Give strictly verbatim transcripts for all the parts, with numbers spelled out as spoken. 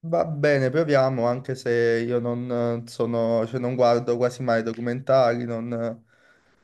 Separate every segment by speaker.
Speaker 1: Va bene, proviamo, anche se io non eh, sono, cioè non guardo quasi mai documentari, non eh,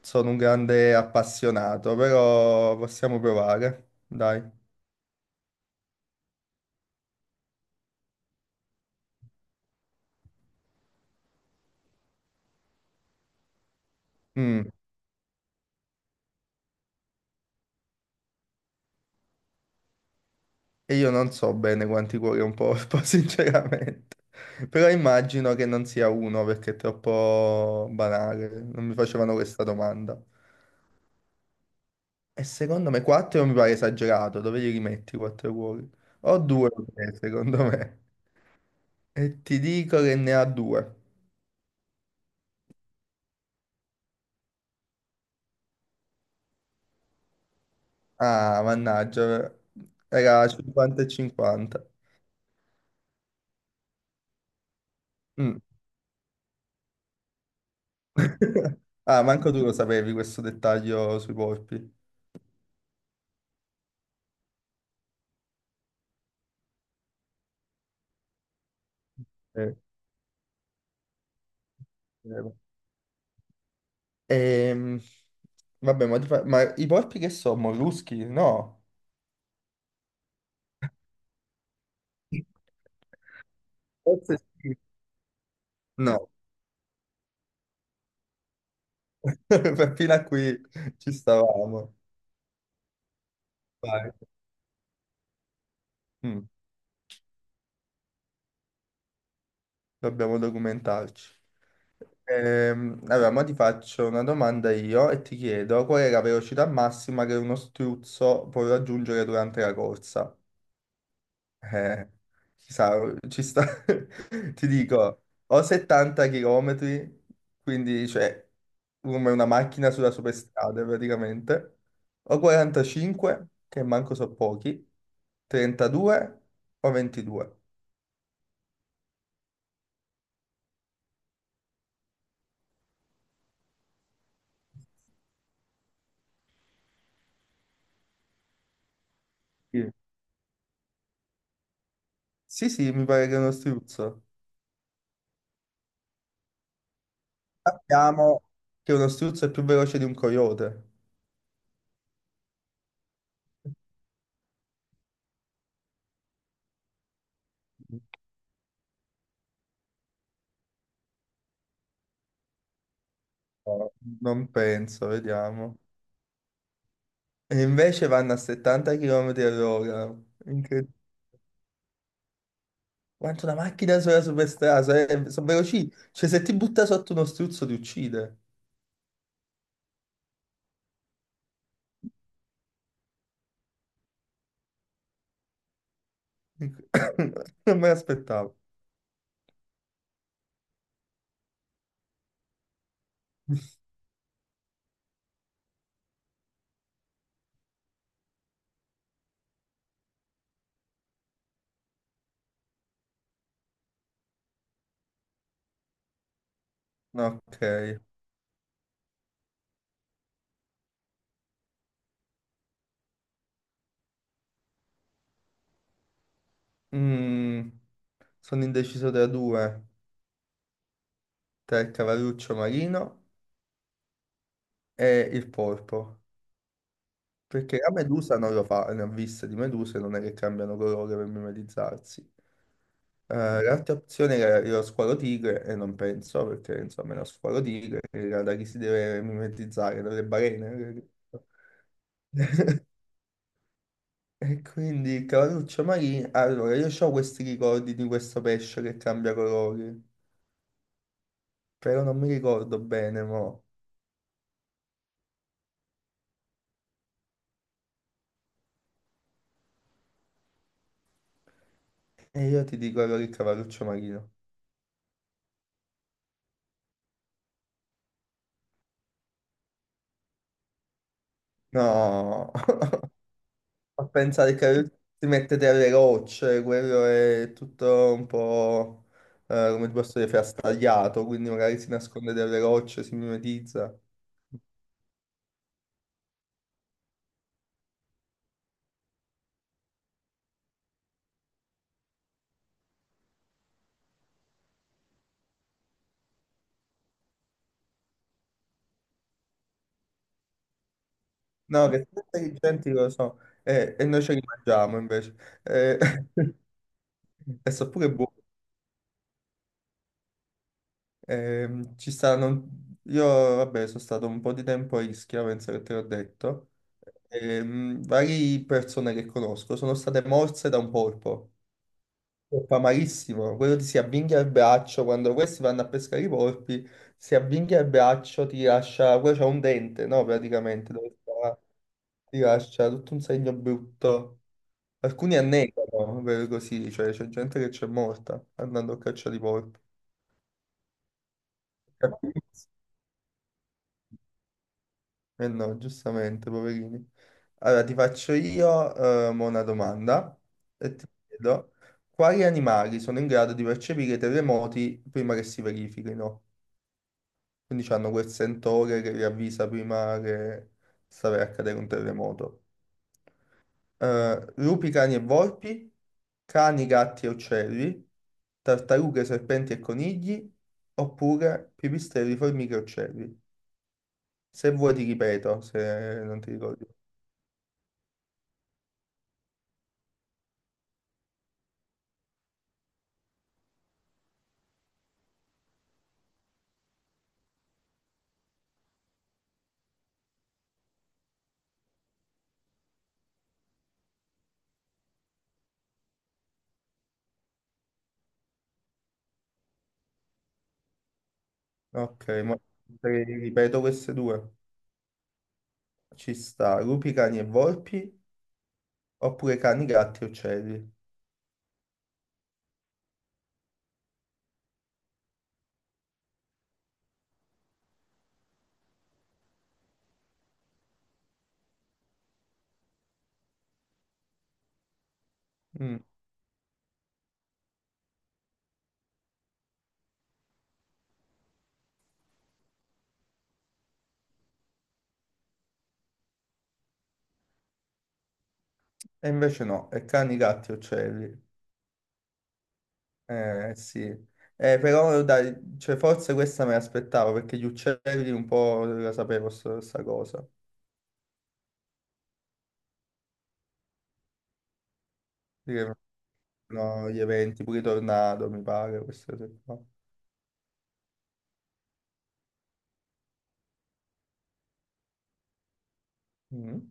Speaker 1: sono un grande appassionato, però possiamo provare, dai. Mm, e io non so bene quanti cuori ho un porpo, sinceramente, però immagino che non sia uno perché è troppo banale, non mi facevano questa domanda. E secondo me quattro mi pare esagerato, dove li rimetti quattro cuori? O due, secondo me. E ti dico che ne ha due. Ah, mannaggia, era cinquanta e cinquanta. Mm. Ah, manco tu lo sapevi questo dettaglio sui polpi. Eh, vero. Ehm, Vabbè, ma, ti fa- ma i polpi che sono? Molluschi? No. Forse sì. No, fino a qui ci stavamo. Vai. Mm. Dobbiamo documentarci. Ehm, allora, ma ti faccio una domanda io e ti chiedo qual è la velocità massima che uno struzzo può raggiungere durante la corsa? Eh, ci sa, ci sta, ti dico, o settanta chilometri, quindi cioè come una macchina sulla superstrada praticamente, o quarantacinque, che manco so pochi, trentadue o ventidue. Sì, sì, sì, mi pare che è uno struzzo. Sappiamo che uno struzzo è più veloce di un coyote. No, non penso, vediamo. E invece vanno a settanta chilometri all'ora. Incredibile. Quanto una macchina sola superstrada, eh, sono veloci. Cioè, se ti butta sotto uno struzzo ti uccide. Inc- Non me l'aspettavo. No, ok. Mm, sono indeciso tra due. Tra il cavalluccio marino e il polpo. Perché la medusa non lo fa, ne ho viste di meduse, non è che cambiano colore per mimetizzarsi. Eh, l'altra opzione era lo squalo tigre, e non penso, perché insomma lo squalo tigre era da chi si deve mimetizzare, dalle balene. E quindi il cavalluccio marino, allora io ho questi ricordi di questo pesce che cambia colori, però non mi ricordo bene, mo. E io ti dico allora il cavalluccio marino. No! A pensare che lui si mette delle rocce, quello è tutto un po', eh, come ti posso dire, frastagliato, quindi magari si nasconde delle rocce, si mimetizza. No, che sono intelligenti lo so, eh, e noi ce li mangiamo invece. Eh, e so pure buono. Ehm, ci stanno... Io, vabbè, sono stato un po' di tempo a Ischia, penso che te l'ho detto. Ehm, varie persone che conosco sono state morse da un polpo. Lo fa malissimo, quello ti si avvinghia il braccio, quando questi vanno a pescare i porpi, si avvinghia il braccio, ti lascia, quello c'ha un dente, no, praticamente, dove sta- ti lascia tutto un segno brutto. Alcuni annegano, per così, cioè c'è gente che c'è morta andando a caccia di porpi. Eh no, giustamente, poverini. Allora, ti faccio io eh, mo una domanda e ti chiedo, quali animali sono in grado di percepire i terremoti prima che si verifichino? Quindi hanno quel sensore che vi avvisa prima che sta per accadere un terremoto. Eh, lupi, cani e volpi, cani, gatti e uccelli, tartarughe, serpenti e conigli, oppure pipistrelli, formiche e uccelli. Se vuoi ti ripeto, se non ti ricordi. Ok, ma te le ripeto queste due. Ci sta lupi, cani e volpi, oppure cani, gatti e uccelli. Mm, e invece no, è cani, gatti e uccelli. Eh sì, eh, però dai, cioè, forse questa me l'aspettavo perché gli uccelli un po' la sapevo sta, sta cosa, dire, no, gli eventi, pure i tornado mi pare, queste cose qua. Mm,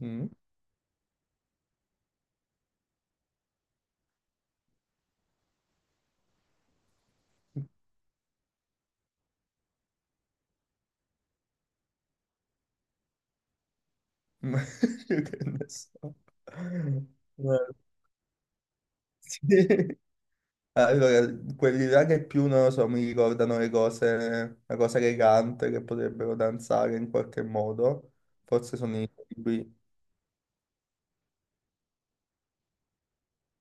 Speaker 1: mm. Ma io che ne so. Eh, sì. Allora, quelli là che più, non lo so, mi ricordano le cose, la cosa elegante che potrebbero danzare in qualche modo, forse sono i libri,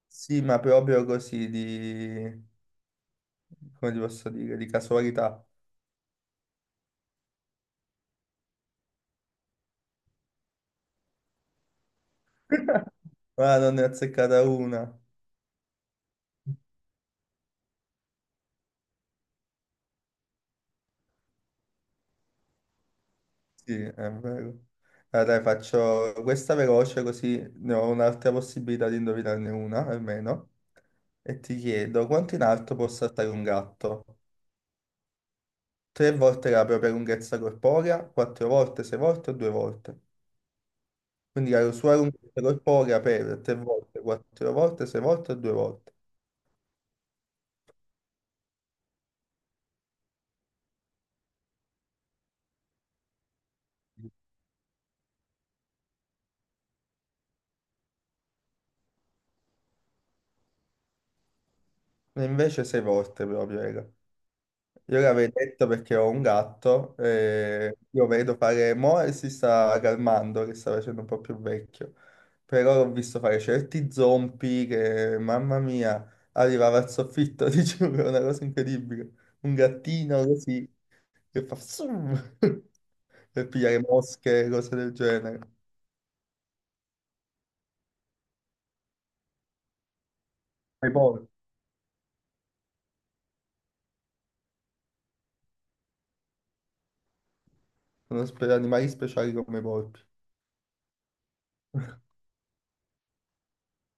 Speaker 1: sì, ma proprio così di... come ti posso dire, di casualità. Ma non ne ho azzeccata una. Sì, è vero. Allora, dai, faccio questa veloce così ne ho un'altra possibilità di indovinarne una, almeno. E ti chiedo, quanto in alto può saltare un gatto? Tre volte la propria lunghezza corporea, quattro volte, sei volte o due volte? Quindi la sua lunghezza corporea per tre volte, quattro volte, sei volte o due volte? E invece sei volte proprio, raga. Io l'avevo detto perché ho un gatto e io vedo fare, mo e si sta calmando, che sta facendo un po' più vecchio, però l'ho visto fare certi zompi che, mamma mia, arrivava al soffitto, ti giuro, è una cosa incredibile. Un gattino così che fa zoom per pigliare mosche, cose del genere. E poi sono spe- animali speciali come i porpi.